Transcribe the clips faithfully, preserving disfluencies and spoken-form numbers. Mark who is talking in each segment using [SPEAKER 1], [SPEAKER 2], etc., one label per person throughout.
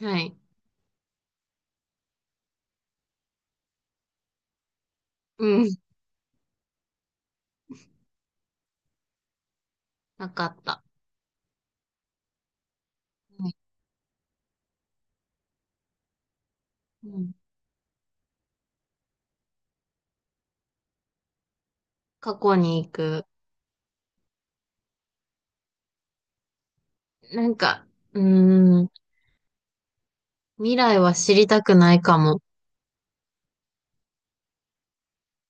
[SPEAKER 1] はい。うん。なかった。はい。うん。過去に行く。なんか、うーん。未来は知りたくないかも。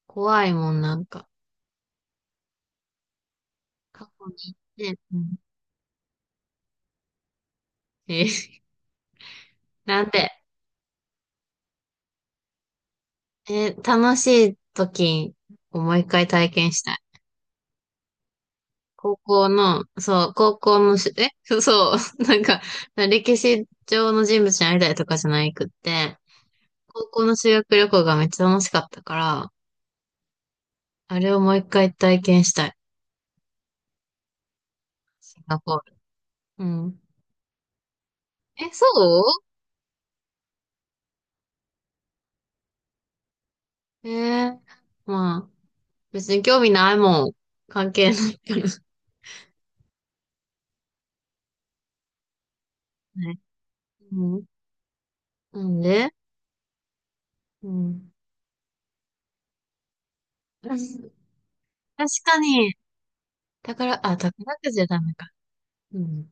[SPEAKER 1] 怖いもん、なんか。過去に行って、うん。えー なんで、えー楽しい時をもう一回体験したい。高校の、そう、高校のし、え、そう、なんか、歴史上の人物に会いたいとかじゃないくって、高校の修学旅行がめっちゃ楽しかったから、あれをもう一回体験したい。シンガポール。うん。え、そうえー、まあ、別に興味ないもん。関係ないから。ね。うん。なんで。うん。確かに、宝、あ、宝くじはダメか。うん。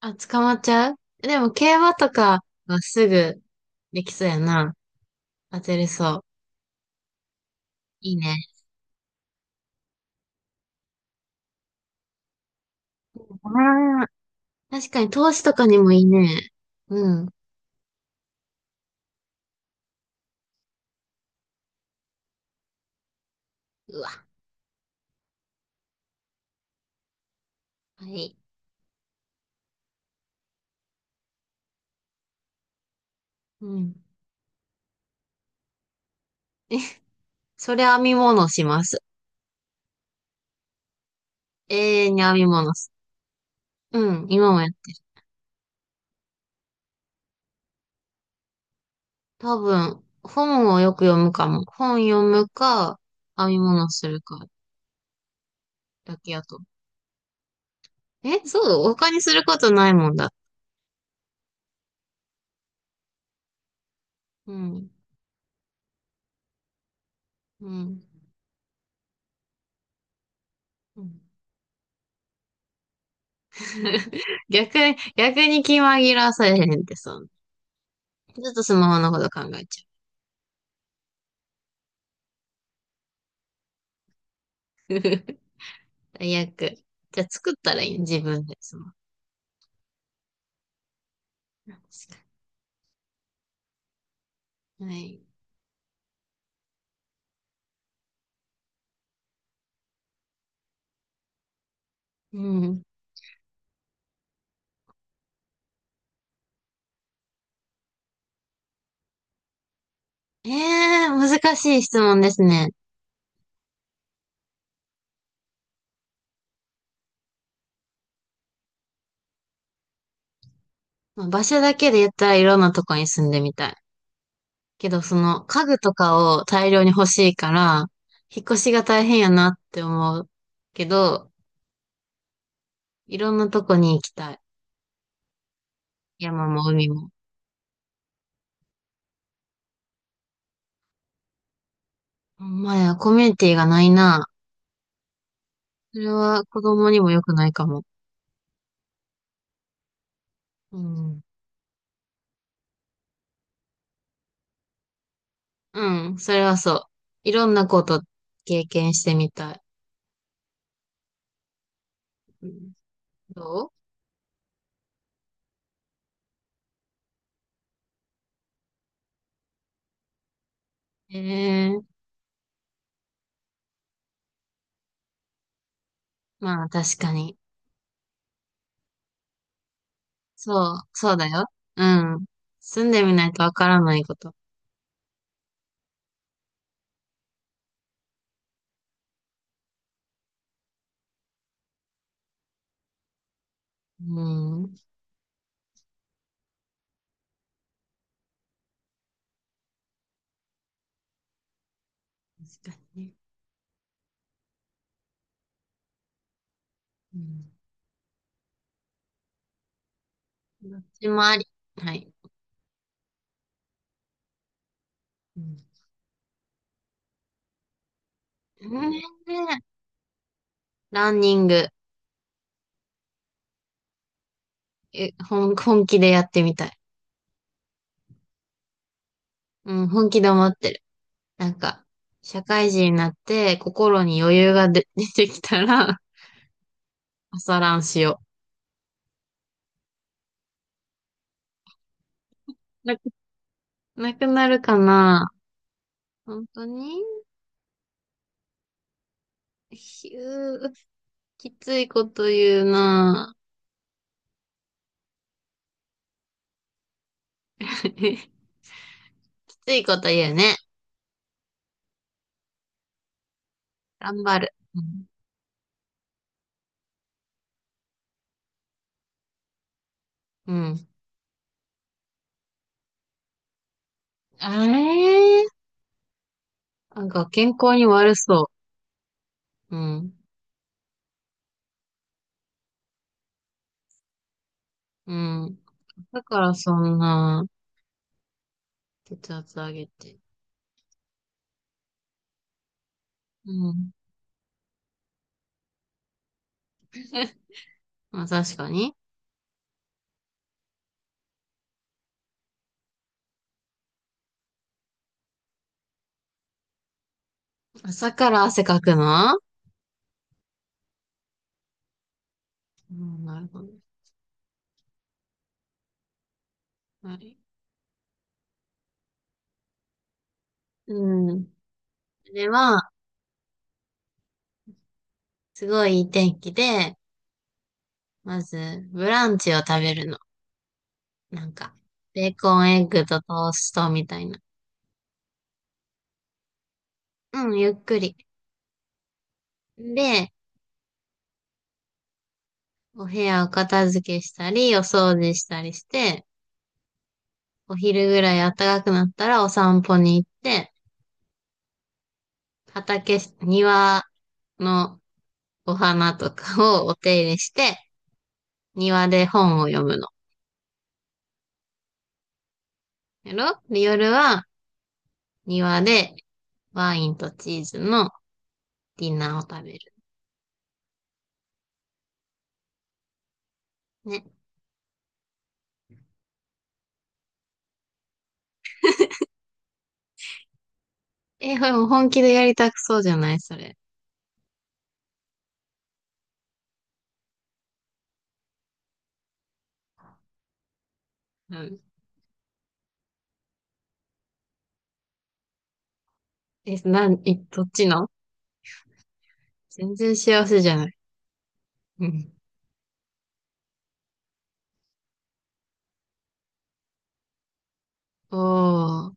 [SPEAKER 1] あ、捕まっちゃう。でも、競馬とかはすぐできそうやな。当てれそう。いいね。ああ、確かに投資とかにもいいね。うん。うわ、はい。うん。え、それ編み物します。永遠に編み物す。うん、今もやっ多分、本をよく読むかも。本読むか、編み物するか、だけやと。え、そう、他にすることないもんだ。うん、うん、うん。 逆に、逆に気紛らわされへんってさ。ちょっとスマホのこと考えちゃう。最悪。じゃあ作ったらいいの自分で、スマホ。はい。うん。えー、難しい質問ですね。まあ場所だけで言ったらいろんなとこに住んでみたい。けど、その家具とかを大量に欲しいから、引っ越しが大変やなって思うけど、いろんなとこに行きたい。山も海も。ほんまや、コミュニティがないな。それは子供にも良くないかも。うん。うん、それはそう。いろんなこと経験してみたい。うん。どう。ええー。まあ確かに。そう、そうだよ。うん。住んでみないとわからないこと。うん。確かにね。うん。どっちもあり。はい。うん。ね。え、ランニング。え、本、本気でやってみたい。うん、本気で思ってる。なんか、社会人になって心に余裕がで 出てきたら、朝ランしよう。なく、なくなるかな。本当に。ひゅー、きついこと言うな。 きついこと言うね。頑張る。うん。うん。あれー、なんか健康に悪そう。うん。うん。だからそんな、血圧上げて。うん。まあ確かに。朝から汗かくの。うん、なるほど。はい。うん。でれは、すごいいい天気で、まず、ブランチを食べるの。なんか、ベーコンエッグとトーストみたいな。うん、ゆっくり。で、お部屋を片付けしたり、お掃除したりして、お昼ぐらい暖かくなったらお散歩に行って、畑、庭のお花とかをお手入れして、庭で本を読むの。やろ。で、夜は庭でワインとチーズのディナーを食べる。ね。え、これも本気でやりたくそうじゃないそれ。うん。え、なん、え、どっちの。全然幸せじゃない。うん。おー。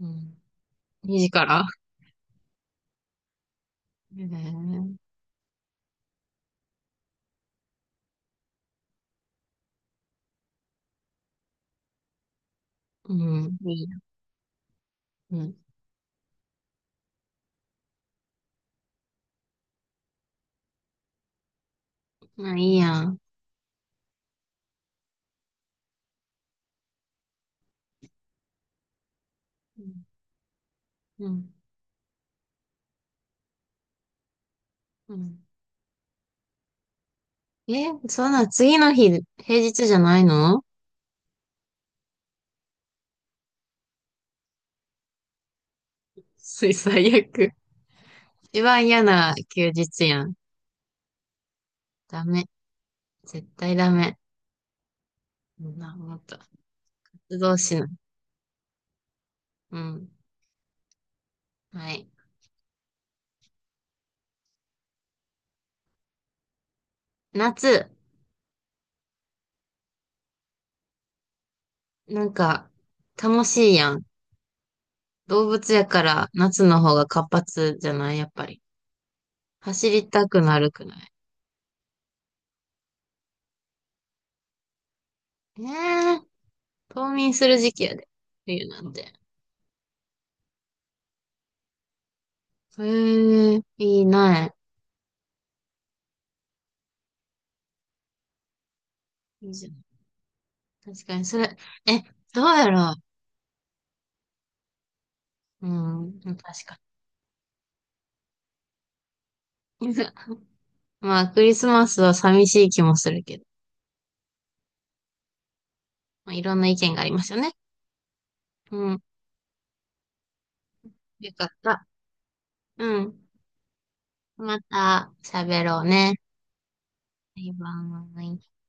[SPEAKER 1] うん。にじから。えー、うん。いいや。うん。まあ、いいやん。うん。うん。え、そんな、次の日、平日じゃないの。す最悪。一番嫌な休日やん。ダメ。絶対ダメ。そんな、もっと。どうしな。うん。はい。夏、なんか、楽しいやん。動物やから、夏の方が活発じゃないやっぱり。走りたくなるくない。ええー、冬眠する時期やで。冬なんて。へえ、いいな。いいじゃん。確かに、それ、え、どうやろう。うん、確かに。まあ、クリスマスは寂しい気もするけど。まあ、いろんな意見がありますよね。うん。よかった。うん。また喋ろうね。バイバイ。